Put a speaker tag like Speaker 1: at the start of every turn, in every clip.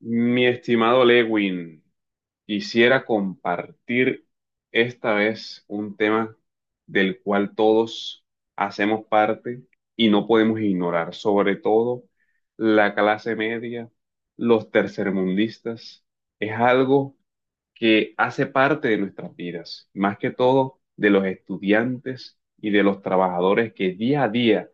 Speaker 1: Mi estimado Lewin, quisiera compartir esta vez un tema del cual todos hacemos parte y no podemos ignorar, sobre todo la clase media, los tercermundistas. Es algo que hace parte de nuestras vidas, más que todo de los estudiantes y de los trabajadores que día a día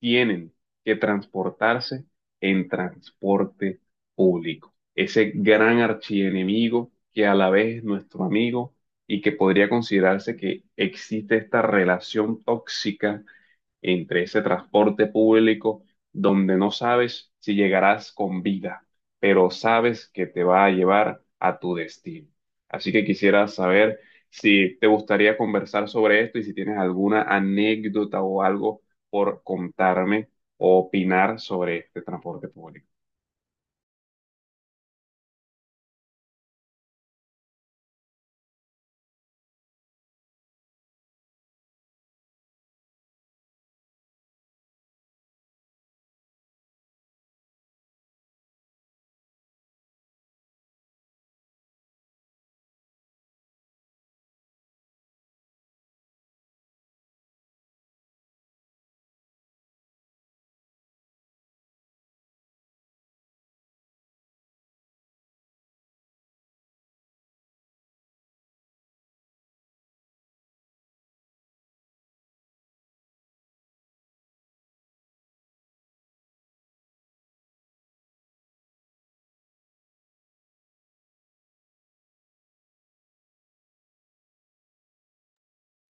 Speaker 1: tienen que transportarse en transporte público. Ese gran archienemigo que a la vez es nuestro amigo y que podría considerarse que existe esta relación tóxica entre ese transporte público donde no sabes si llegarás con vida, pero sabes que te va a llevar a tu destino. Así que quisiera saber si te gustaría conversar sobre esto y si tienes alguna anécdota o algo por contarme o opinar sobre este transporte público.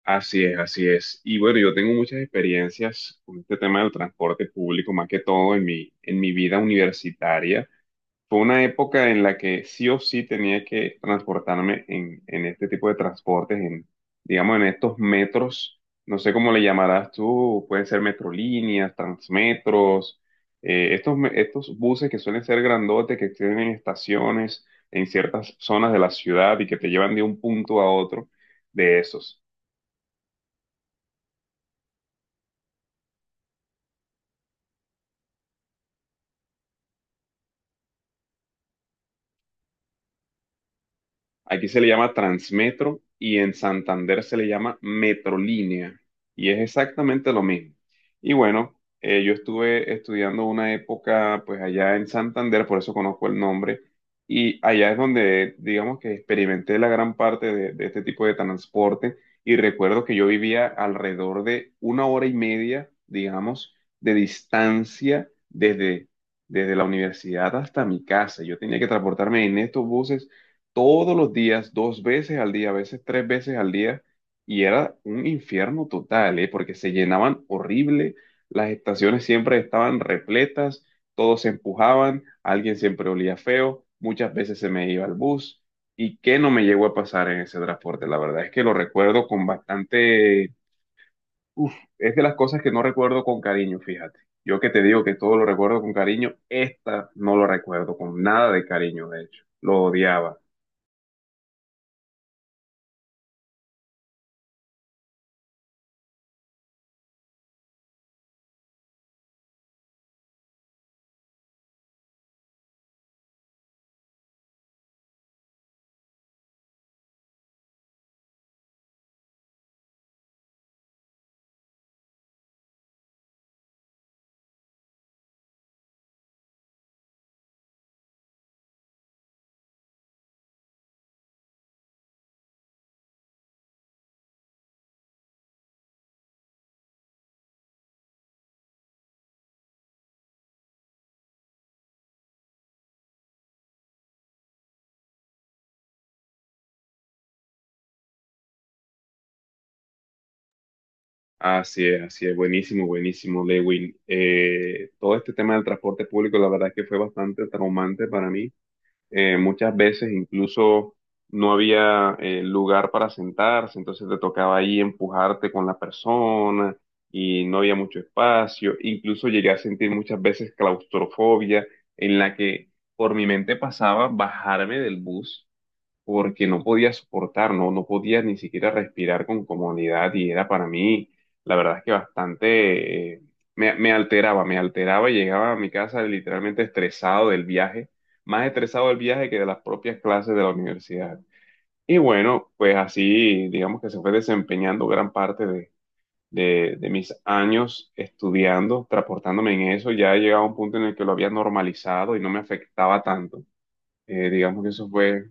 Speaker 1: Así es, así es. Y bueno, yo tengo muchas experiencias con este tema del transporte público, más que todo en mi vida universitaria. Fue una época en la que sí o sí tenía que transportarme en este tipo de transportes, en, digamos, en estos metros, no sé cómo le llamarás tú, pueden ser metrolíneas, transmetros, estos, estos buses que suelen ser grandotes, que tienen estaciones en ciertas zonas de la ciudad y que te llevan de un punto a otro de esos. Aquí se le llama Transmetro y en Santander se le llama Metrolínea. Y es exactamente lo mismo. Y bueno, yo estuve estudiando una época pues allá en Santander, por eso conozco el nombre. Y allá es donde, digamos que experimenté la gran parte de este tipo de transporte. Y recuerdo que yo vivía alrededor de una hora y media, digamos, de distancia desde la universidad hasta mi casa. Yo tenía que transportarme en estos buses todos los días, dos veces al día, a veces tres veces al día, y era un infierno total, ¿eh? Porque se llenaban horrible, las estaciones siempre estaban repletas, todos se empujaban, alguien siempre olía feo, muchas veces se me iba el bus, y qué no me llegó a pasar en ese transporte, la verdad es que lo recuerdo con bastante, uf, es de las cosas que no recuerdo con cariño, fíjate. Yo que te digo que todo lo recuerdo con cariño, esta no lo recuerdo con nada de cariño, de hecho, lo odiaba. Así es, buenísimo, buenísimo, Lewin. Todo este tema del transporte público, la verdad es que fue bastante traumante para mí. Muchas veces incluso no había lugar para sentarse, entonces te tocaba ahí empujarte con la persona y no había mucho espacio. Incluso llegué a sentir muchas veces claustrofobia en la que por mi mente pasaba bajarme del bus porque no podía soportar, no, no podía ni siquiera respirar con comodidad y era para mí, la verdad es que bastante, me alteraba y llegaba a mi casa literalmente estresado del viaje, más estresado del viaje que de las propias clases de la universidad. Y bueno, pues así, digamos que se fue desempeñando gran parte de... de mis años estudiando, transportándome en eso, ya llegaba a un punto en el que lo había normalizado y no me afectaba tanto. Digamos que eso fue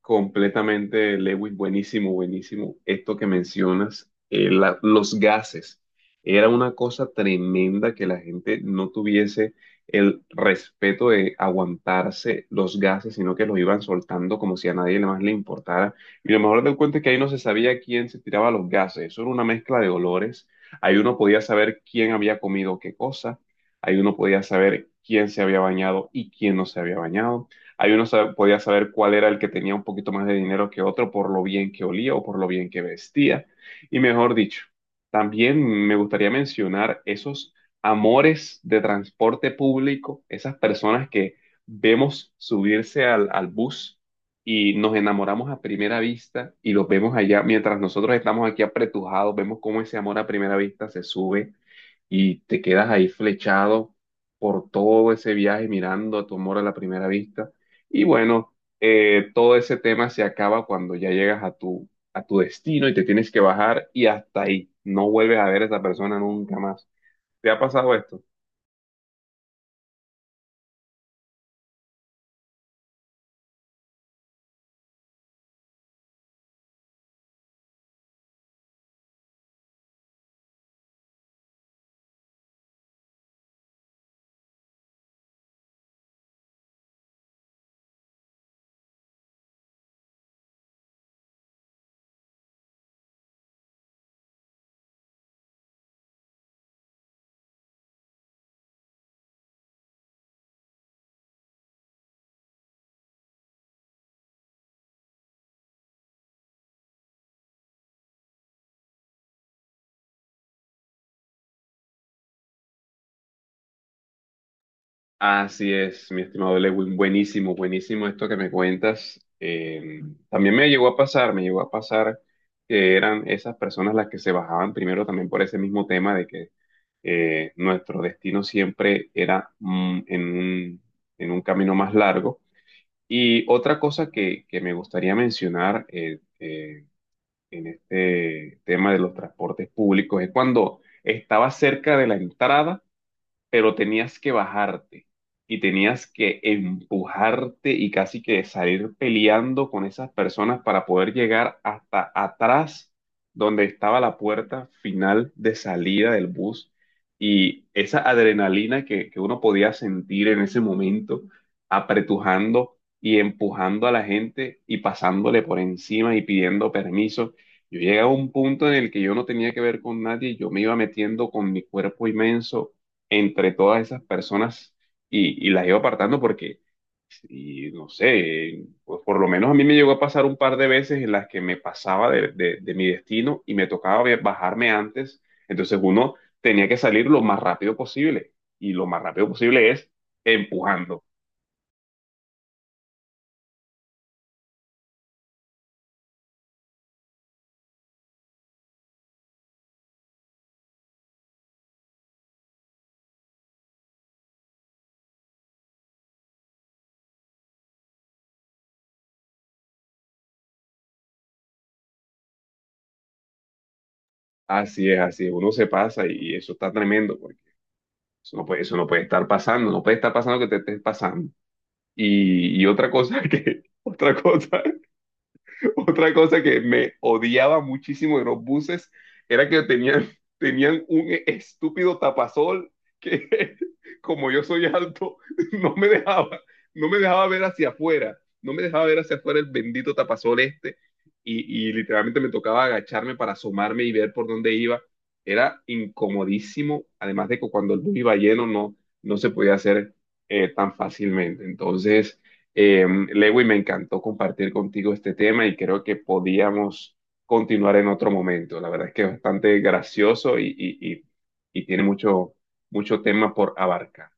Speaker 1: completamente, Lewis, buenísimo, buenísimo. Esto que mencionas, los gases, era una cosa tremenda que la gente no tuviese el respeto de aguantarse los gases, sino que los iban soltando como si a nadie más le importara. Y lo mejor del cuento es que ahí no se sabía quién se tiraba los gases, eso era una mezcla de olores. Ahí uno podía saber quién había comido qué cosa, ahí uno podía saber quién se había bañado y quién no se había bañado, ahí uno podía saber cuál era el que tenía un poquito más de dinero que otro por lo bien que olía o por lo bien que vestía. Y mejor dicho, también me gustaría mencionar esos amores de transporte público, esas personas que vemos subirse al bus y nos enamoramos a primera vista y los vemos allá mientras nosotros estamos aquí apretujados, vemos cómo ese amor a primera vista se sube y te quedas ahí flechado por todo ese viaje mirando a tu amor a la primera vista. Y bueno, todo ese tema se acaba cuando ya llegas a a tu destino y te tienes que bajar y hasta ahí. No vuelves a ver a esa persona nunca más. ¿Te ha pasado esto? Así es, mi estimado Lewin, buenísimo, buenísimo esto que me cuentas. También me llegó a pasar, me llegó a pasar que eran esas personas las que se bajaban primero también por ese mismo tema de que nuestro destino siempre era en un camino más largo. Y otra cosa que me gustaría mencionar en este tema de los transportes públicos es cuando estaba cerca de la entrada pero tenías que bajarte y tenías que empujarte y casi que salir peleando con esas personas para poder llegar hasta atrás donde estaba la puerta final de salida del bus. Y esa adrenalina que uno podía sentir en ese momento, apretujando y empujando a la gente y pasándole por encima y pidiendo permiso. Yo llegué a un punto en el que yo no tenía que ver con nadie, yo me iba metiendo con mi cuerpo inmenso entre todas esas personas y las iba apartando porque, y no sé, pues por lo menos a mí me llegó a pasar un par de veces en las que me pasaba de mi destino y me tocaba bajarme antes, entonces uno tenía que salir lo más rápido posible y lo más rápido posible es empujando. Así es, uno se pasa y eso está tremendo porque eso no puede estar pasando, no puede estar pasando que te estés pasando. Y otra cosa que, otra cosa otra cosa que me odiaba muchísimo de los buses era que tenían, tenían un estúpido tapasol que, como yo soy alto, no me dejaba, no me dejaba ver hacia afuera, no me dejaba ver hacia afuera el bendito tapasol este. Y literalmente me tocaba agacharme para asomarme y ver por dónde iba. Era incomodísimo, además de que cuando el bus iba lleno no, no se podía hacer tan fácilmente. Entonces... Eh, Lewy, me encantó compartir contigo este tema y creo que podíamos continuar en otro momento. La verdad es que es bastante gracioso y tiene mucho, mucho tema por abarcar.